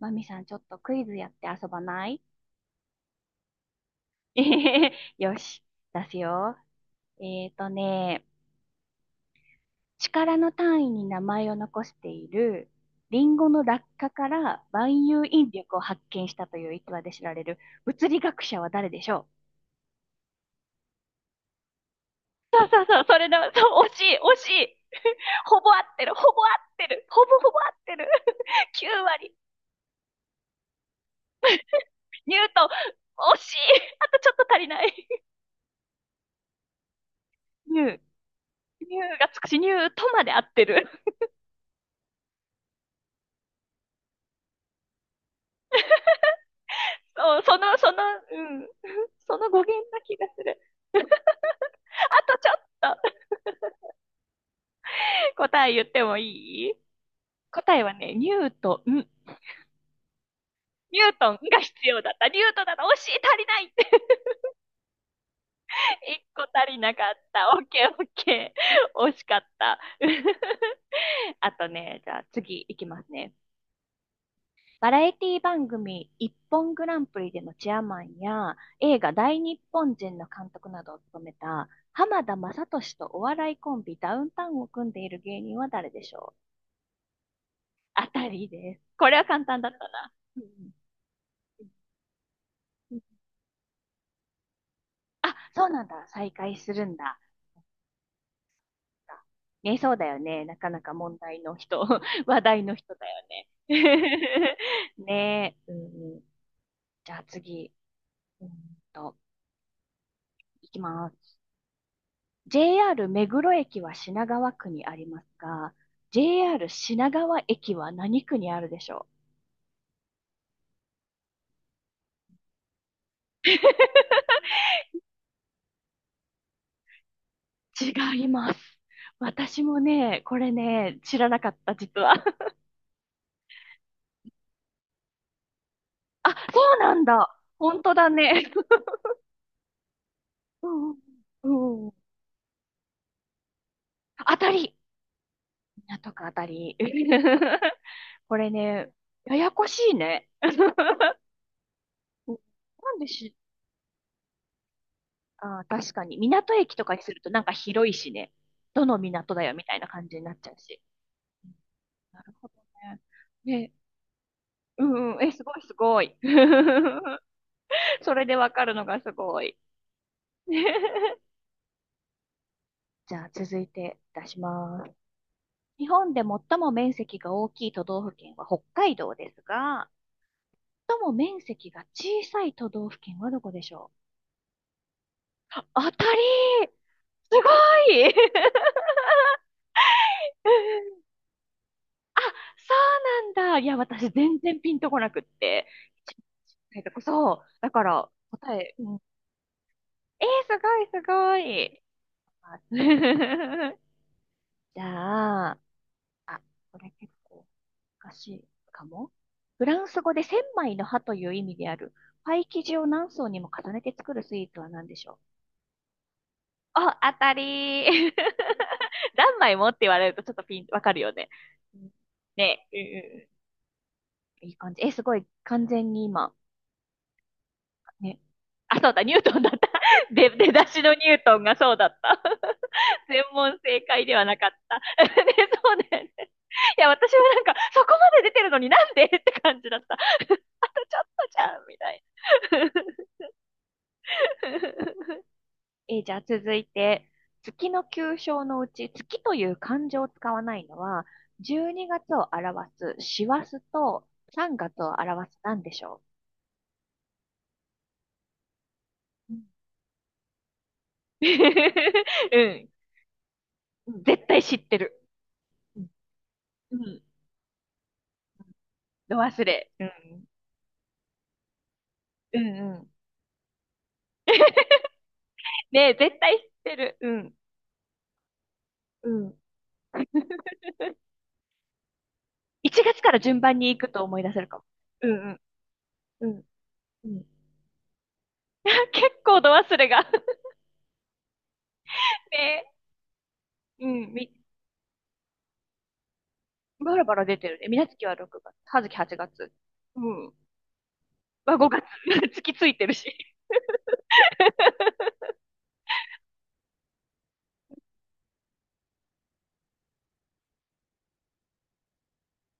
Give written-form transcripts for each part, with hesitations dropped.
マミさん、ちょっとクイズやって遊ばない？ よし、出すよ。えーとね、力の単位に名前を残している、リンゴの落下から万有引力を発見したという逸話で知られる物理学者は誰でしょう？そうそう、それだ、そう、惜しい、惜しい。ほぼ合ってる、ほぼ合ってる、ほぼほぼ合ってる。9割、ニュートン、惜しい。あとちょっと足りない。ニュー、ニューがつくし、ニュートまで合ってる。その、うん。その語源な気がする。ちょっと答え言ってもいい？答えはね、ニュートン。ニュートンが必要だった。ニュートンだった。惜しい、足りないって。 一個足りなかった。オッケーオッケー。惜しかった。あとね、じゃあ次いきますね。バラエティ番組一本グランプリでのチェアマンや映画大日本人の監督などを務めた浜田雅俊とお笑いコンビダウンタウンを組んでいる芸人は誰でしょう？あたりです。これは簡単だったな。うん。あ、そうなんだ。再会するんだ。ね、そうだよね。なかなか問題の人、話題の人だよね。ねえ、うん。じゃあ次、うんと、いきます。JR 目黒駅は品川区にありますが、JR 品川駅は何区にあるでしょう？違います。私もね、これね、知らなかった、実は。あ、そうなんだ。本当だね。うん。うん。当たり。港区、当たり。これね、ややこしいね。うん、なんでし、あー、確かに。港駅とかにするとなんか広いしね。どの港だよみたいな感じになっちゃうし。なるほどね。ね、うんうん。え、すごいすごい。それでわかるのがすごい。じゃあ続いて出します。日本で最も面積が大きい都道府県は北海道ですが、最も面積が小さい都道府県はどこでしょう？当たり、すごい。 そうなんだ。いや、私全然ピンとこなくって。一番小さいとこ、そう。だから答え、うん、えー、すごいすごい。あ。 じゃあ、あ、これ結構難しいかも。フランス語で千枚の葉という意味である、パイ生地を何層にも重ねて作るスイーツは何でしょう？あ、当たりー。 何枚もって言われるとちょっとピン、わかるよね。ね、うん。ねえ、うん、いい感じ。え、すごい、完全に今、ね。あ、そうだ、ニュートンだった。出だしのニュートンがそうだった。全問正解ではなかった。ね、そうだよね。いや、私もなんか、そこまで出てるのになんでって感じだった。あとちょっとじゃん、みたいな。えー、じゃあ続いて、月の旧称のうち、月という漢字を使わないのは、12月を表す師走と3月を表すなんでしょう？うん。うん、絶対知ってる。うん。ど忘れ。うん。うんうん。ねえ、絶対知ってる。うん。うん。1月から順番に行くと思い出せるかも。うんうんうん。うん。結構度忘れが。 ねえ。うん、み、バラバラ出てるね。みなつきは6月、はずき8月。うん。は5月。月ついてるし。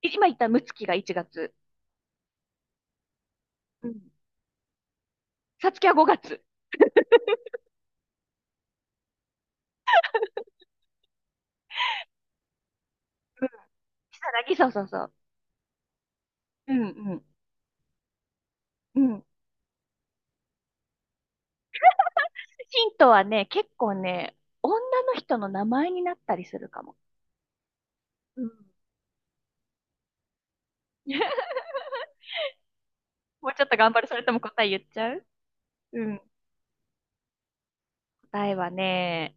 今言ったむつきが1月。うん。さつきは5月。うん。ひさなぎ、そうそうそう。うんうんうん。ヒントはね、結構ね、他の人の名前になったりするかも。うん。もうちょっと頑張る。それとも答え言っちゃう？うん。答えはね、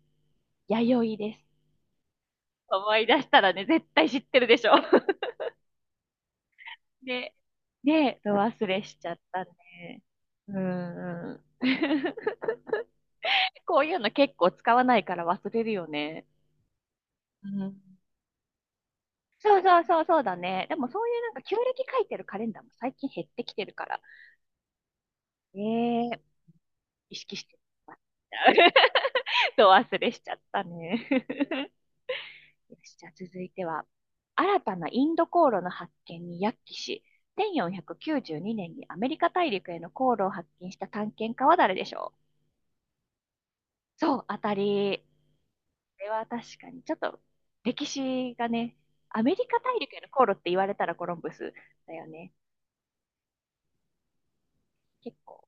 弥生です。思い出したらね、絶対知ってるでしょ。で、で、ど忘れしちゃったね。うん、うん こういうの結構使わないから忘れるよね。うん。そうそうそう、そうだね。でもそういうなんか旧暦書いてるカレンダーも最近減ってきてるから。ええ、意識して、また。ど忘れしちゃったね。よし、じゃあ続いては、新たなインド航路の発見に躍起し、1492年にねんにアメリカ大陸への航路を発見した探検家は誰でしょう？そう、当たり。これは確かに、ちょっと歴史がね、アメリカ大陸への航路って言われたらコロンブスだよね。結構。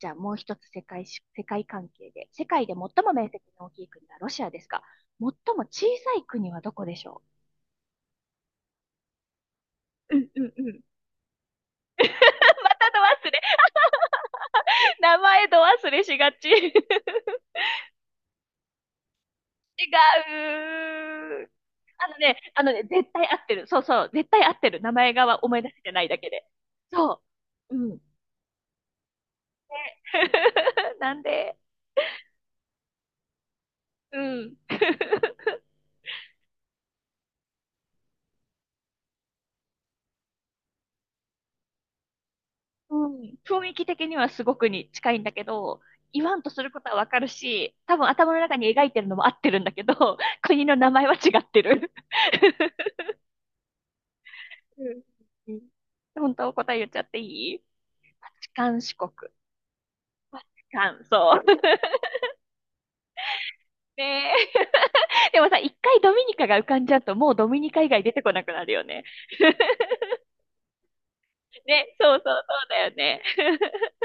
じゃあもう一つ世界し、世界関係で。世界で最も面積の大きい国はロシアですが、最も小さい国はどこでしょう？うんうんうん。またの忘れ。名前と忘れしがち。違う。あのね、あのね、絶対合ってる。そうそう、絶対合ってる。名前が思い出せてないだけで。そう。うん。なんで、うん。うん。雰囲気的にはすごくに近いんだけど、言わんとすることはわかるし、多分頭の中に描いてるのも合ってるんだけど、国の名前は違ってる。うんうん、本当答え言っちゃっていい？バチカン四国。バチカン、そう。ねえ。でもさ、一回ドミニカが浮かんじゃうと、もうドミニカ以外出てこなくなるよね。ね、そうそうそうだよね。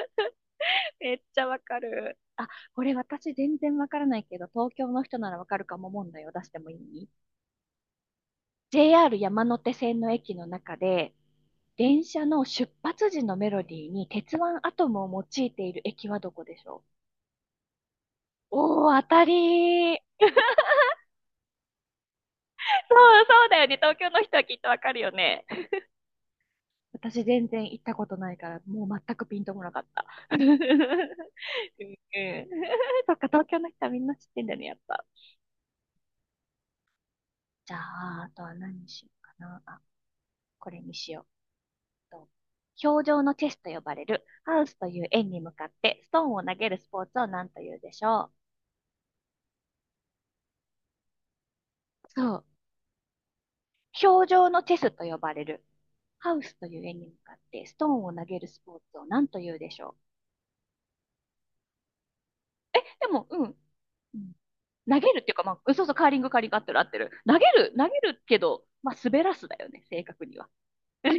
めっちゃわかる。あ、これ私全然わからないけど、東京の人ならわかるかも問題を出してもいい？ JR 山手線の駅の中で、電車の出発時のメロディーに鉄腕アトムを用いている駅はどこでしょう？おー、当たりー。そう、そうだよね。東京の人はきっとわかるよね。私全然行ったことないから、もう全くピンとこなかった。うんうん。そっか、東京の人はみんな知ってんだね、やっぱ。じゃあ、あとは何にしようかな。あ、これにしよう。と氷上のチェスと呼ばれるハウスという円に向かってストーンを投げるスポーツを何というでしょう。そう。氷上のチェスと呼ばれるハウスという円に向かってストーンを投げるスポーツを何というでしょう。でも、うん。うん、投げるっていうか、まあ、うん、そうそう、カーリング、カーリング、合ってる合ってる。投げる、投げるけど、まあ、滑らすだよね、正確には。う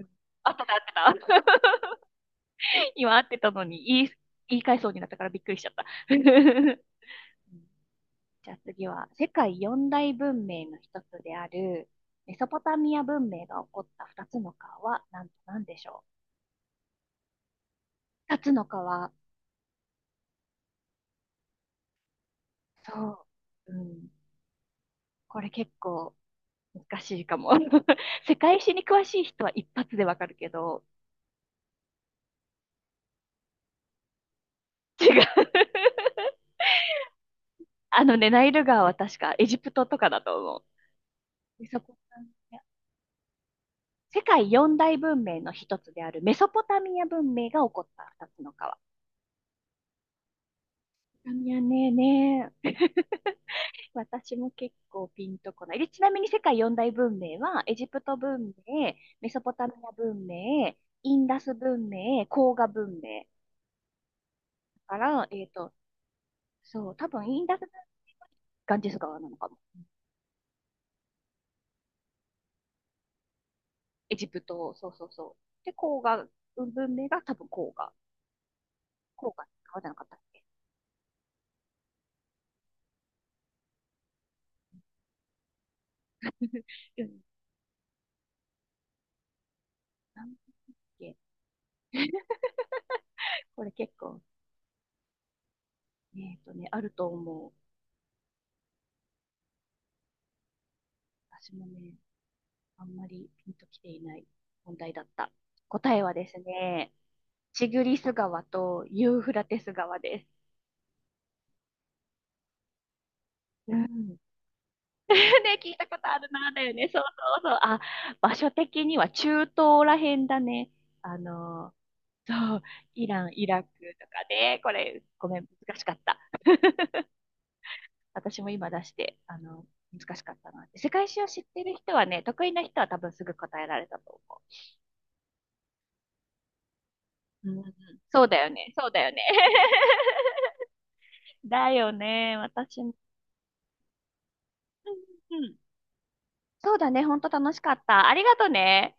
ん、合ってた合ってた。今合ってたのに言い、言い返そうになったからびっくりしちゃった。じゃあ次は、世界四大文明の一つである、メソポタミア文明が起こった二つの川は何と何でしょう？二つの川、そう、うん、これ結構難しいかも。世界史に詳しい人は一発でわかるけど、違う。あのね、ナイル川は確かエジプトとかだと思う。メソポタミ世界四大文明の一つであるメソポタミア文明が起こった二つの川。メソポタミアね私も結構ピンとこない。でちなみに世界四大文明は、エジプト文明、メソポタミア文明、インダス文明、黄河文明。だから、えっと、そう、多分インダスがガンジス川なのかも。エジプト、そうそうそう。で、黄河文明が多分黄河。黄河川じゃなかったっけ？うん、なんだっけ？これ結構、あると思う。私もね、あんまりピンときていない問題だった。答えはですね、チグリス川とユーフラテス川です。うん。ね、聞いたことあるな、だよね。そうそうそう。あ、場所的には中東らへんだね。あの、そう、イラン、イラクとかね。これ、ごめん、難しかった。私も今出して、あの、難しかったな。世界史を知ってる人はね、得意な人は多分すぐ答えられたと思う。うん、そうだよね、そうだよね。だよね、私も。うんうん、そうだね、ほんと楽しかった。ありがとね。